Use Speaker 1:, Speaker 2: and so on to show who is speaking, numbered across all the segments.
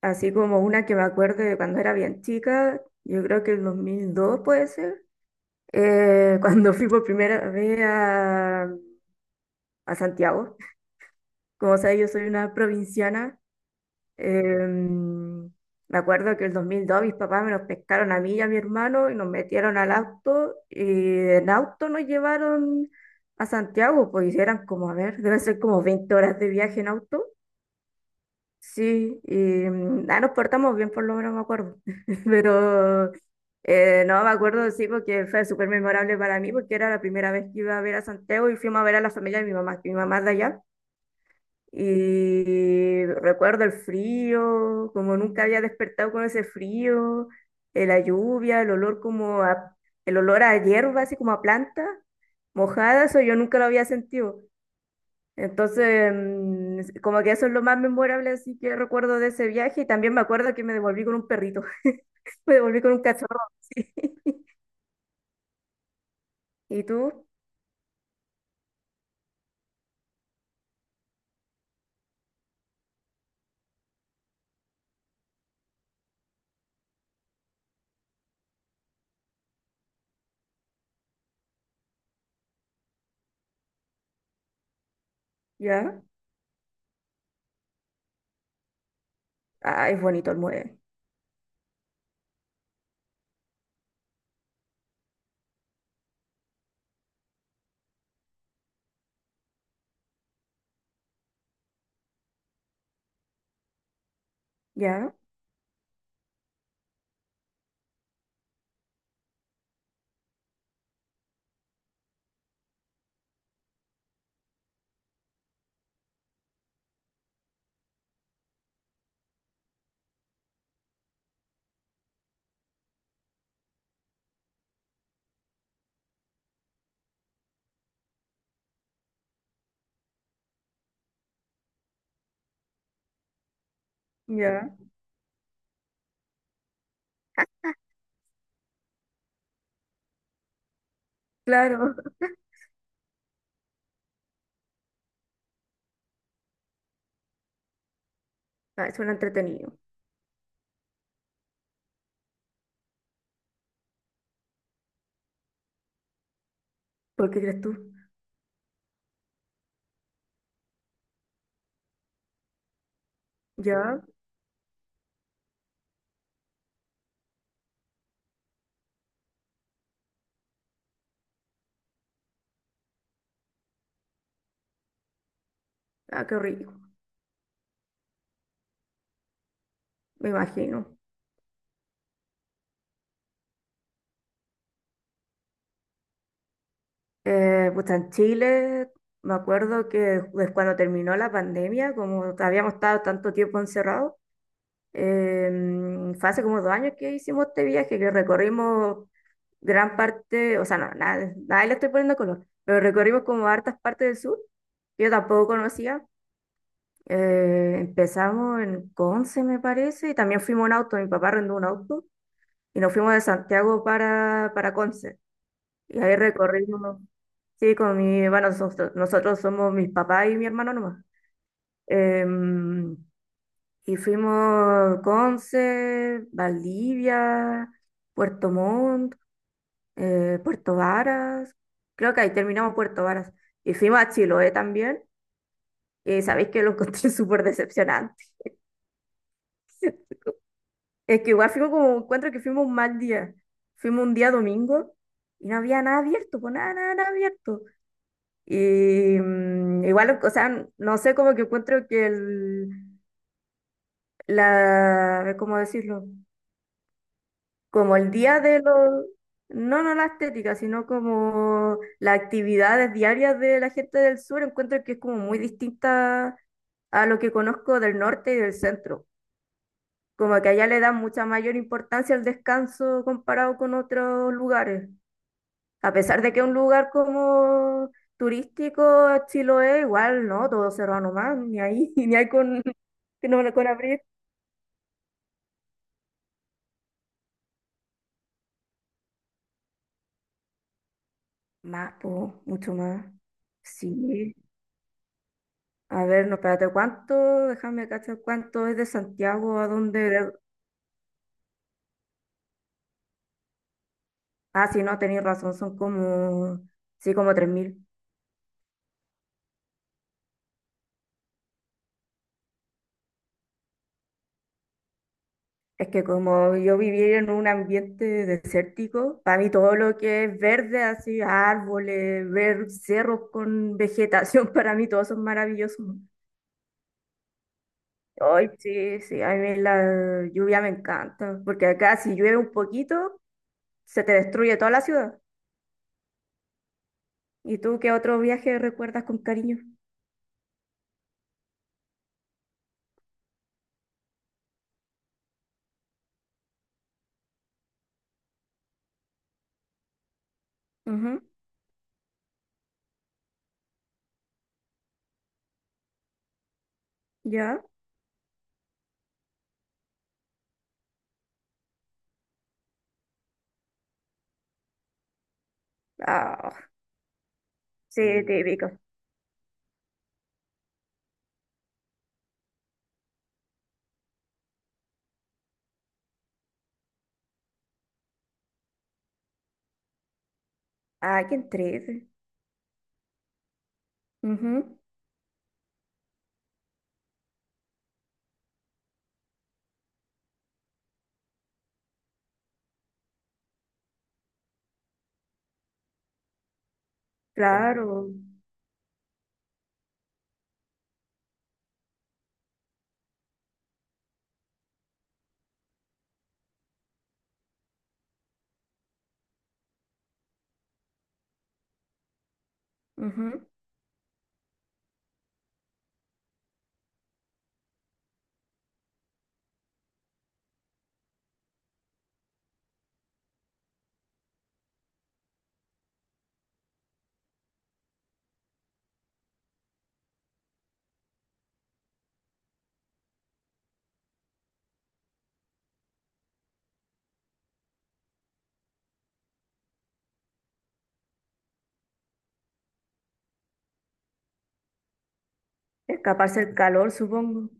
Speaker 1: Así como una que me acuerdo de cuando era bien chica, yo creo que el 2002 puede ser, cuando fui por primera vez a Santiago. Como sabes, yo soy una provinciana. em, Me acuerdo que el 2002 mis papás me los pescaron a mí y a mi hermano y nos metieron al auto y en auto nos llevaron a Santiago, pues y eran como, a ver, debe ser como 20 horas de viaje en auto. Sí, y nos portamos bien, por lo menos me acuerdo. Pero no me acuerdo, sí, porque fue súper memorable para mí, porque era la primera vez que iba a ver a Santiago y fuimos a ver a la familia de mi mamá, que mi mamá es de allá. Y recuerdo el frío, como nunca había despertado con ese frío, la lluvia, el olor como a, el olor a hierba, así como a planta mojada, eso yo nunca lo había sentido. Entonces, como que eso es lo más memorable, así que recuerdo de ese viaje y también me acuerdo que me devolví con un perrito, me devolví con un cachorro. Sí. ¿Y tú? ¿Ya? Ah, es bonito el mueve. ¿Ya? ¿Ya? Claro. Ah, suena entretenido. ¿Por qué crees tú? ¿Ya? Ah, qué rico, me imagino. Pues en Chile, me acuerdo que cuando terminó la pandemia, como habíamos estado tanto tiempo encerrados, fue hace como 2 años que hicimos este viaje, que recorrimos gran parte, o sea, no, nada, nada le estoy poniendo color, pero recorrimos como hartas partes del sur, que yo tampoco conocía. Empezamos en Conce, me parece, y también fuimos en auto, mi papá arrendó un auto, y nos fuimos de Santiago para Conce, y ahí recorrimos, sí, con mi, bueno, nosotros somos mis papás y mi hermano nomás. Em, y fuimos Conce, Valdivia, Puerto Montt, Puerto Varas, creo que ahí terminamos Puerto Varas. Y fuimos a Chiloé también, y sabéis que lo encontré súper decepcionante. Es que igual fuimos como, encuentro que fuimos un mal día. Fuimos un día domingo y no había nada abierto, pues nada, nada, nada abierto. Y igual, o sea, no sé, como que encuentro que el, la, ¿cómo decirlo? Como el día de los, no, no la estética, sino como las actividades diarias de la gente del sur, encuentro que es como muy distinta a lo que conozco del norte y del centro. Como que allá le dan mucha mayor importancia al descanso comparado con otros lugares. A pesar de que un lugar como turístico, Chiloé, igual, ¿no? Todo cerrado nomás, ni ahí, ni hay con, que no, con abrir. Más, po, mucho más. Sí. A ver, no, espérate, ¿cuánto? Déjame cachar cuánto es de Santiago a dónde. Ah, sí, no, tenéis razón, son como, sí, como 3.000. Es que como yo viví en un ambiente desértico, para mí todo lo que es verde, así, árboles, ver cerros con vegetación, para mí todos son maravillosos. Ay, sí, sí, a mí la lluvia me encanta, porque acá si llueve un poquito, se te destruye toda la ciudad. ¿Y tú qué otro viaje recuerdas con cariño? Ujú. ¿Ya? Ah, sí, típico. Ay, qué triste. Ujú, claro. Ujú. Escaparse el calor, supongo.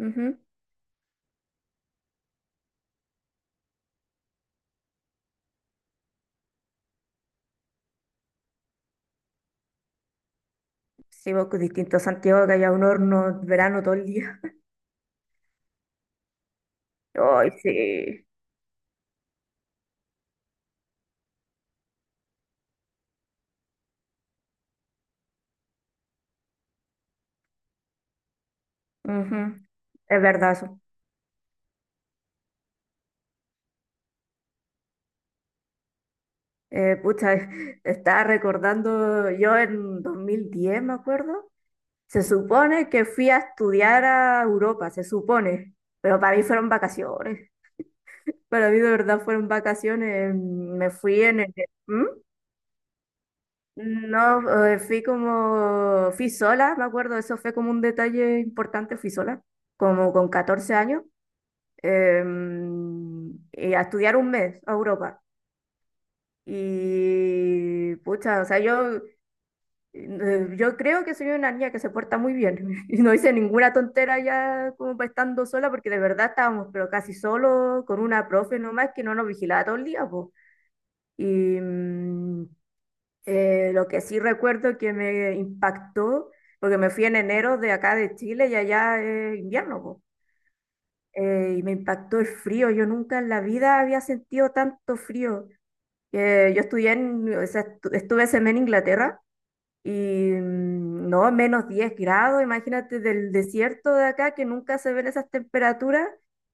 Speaker 1: Ujú. Sí, vos con distintos Santiago que haya un horno verano todo el día. Ay, sí. Ujú. Es verdad eso. Pucha, estaba recordando, yo en 2010, me acuerdo, se supone que fui a estudiar a Europa, se supone, pero para mí fueron vacaciones. Para mí de verdad fueron vacaciones. Me fui en el... ¿Mm? No, fui como, fui sola, me acuerdo, eso fue como un detalle importante, fui sola, como con 14 años, y a estudiar un mes a Europa. Y pucha, o sea, yo, yo creo que soy una niña que se porta muy bien y no hice ninguna tontera ya como pa' estando sola, porque de verdad estábamos, pero casi solo, con una profe nomás que no nos vigilaba todo el día, pues. Y, lo que sí recuerdo que me impactó, porque me fui en enero de acá de Chile y allá es invierno, po. Y me impactó el frío. Yo nunca en la vida había sentido tanto frío. Yo estudié en, o sea, estuve ese mes en Inglaterra y no, -10 grados, imagínate del desierto de acá que nunca se ven esas temperaturas.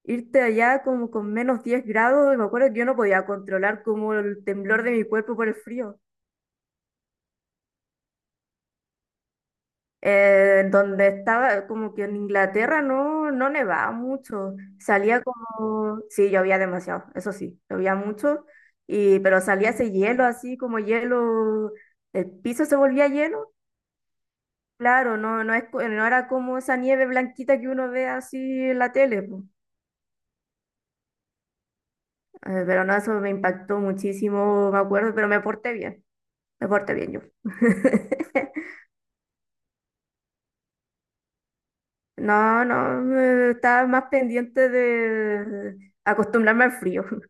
Speaker 1: Irte allá como con -10 grados, y me acuerdo que yo no podía controlar como el temblor de mi cuerpo por el frío. Donde estaba, como que en Inglaterra no, no nevaba mucho. Salía como, sí, llovía demasiado, eso sí, llovía mucho, y, pero salía ese hielo así como hielo, el piso se volvía hielo. Claro, no, no, es, no era como esa nieve blanquita que uno ve así en la tele, po. Pero no, eso me impactó muchísimo, me acuerdo, pero me porté bien yo. No, no, estaba más pendiente de acostumbrarme al frío.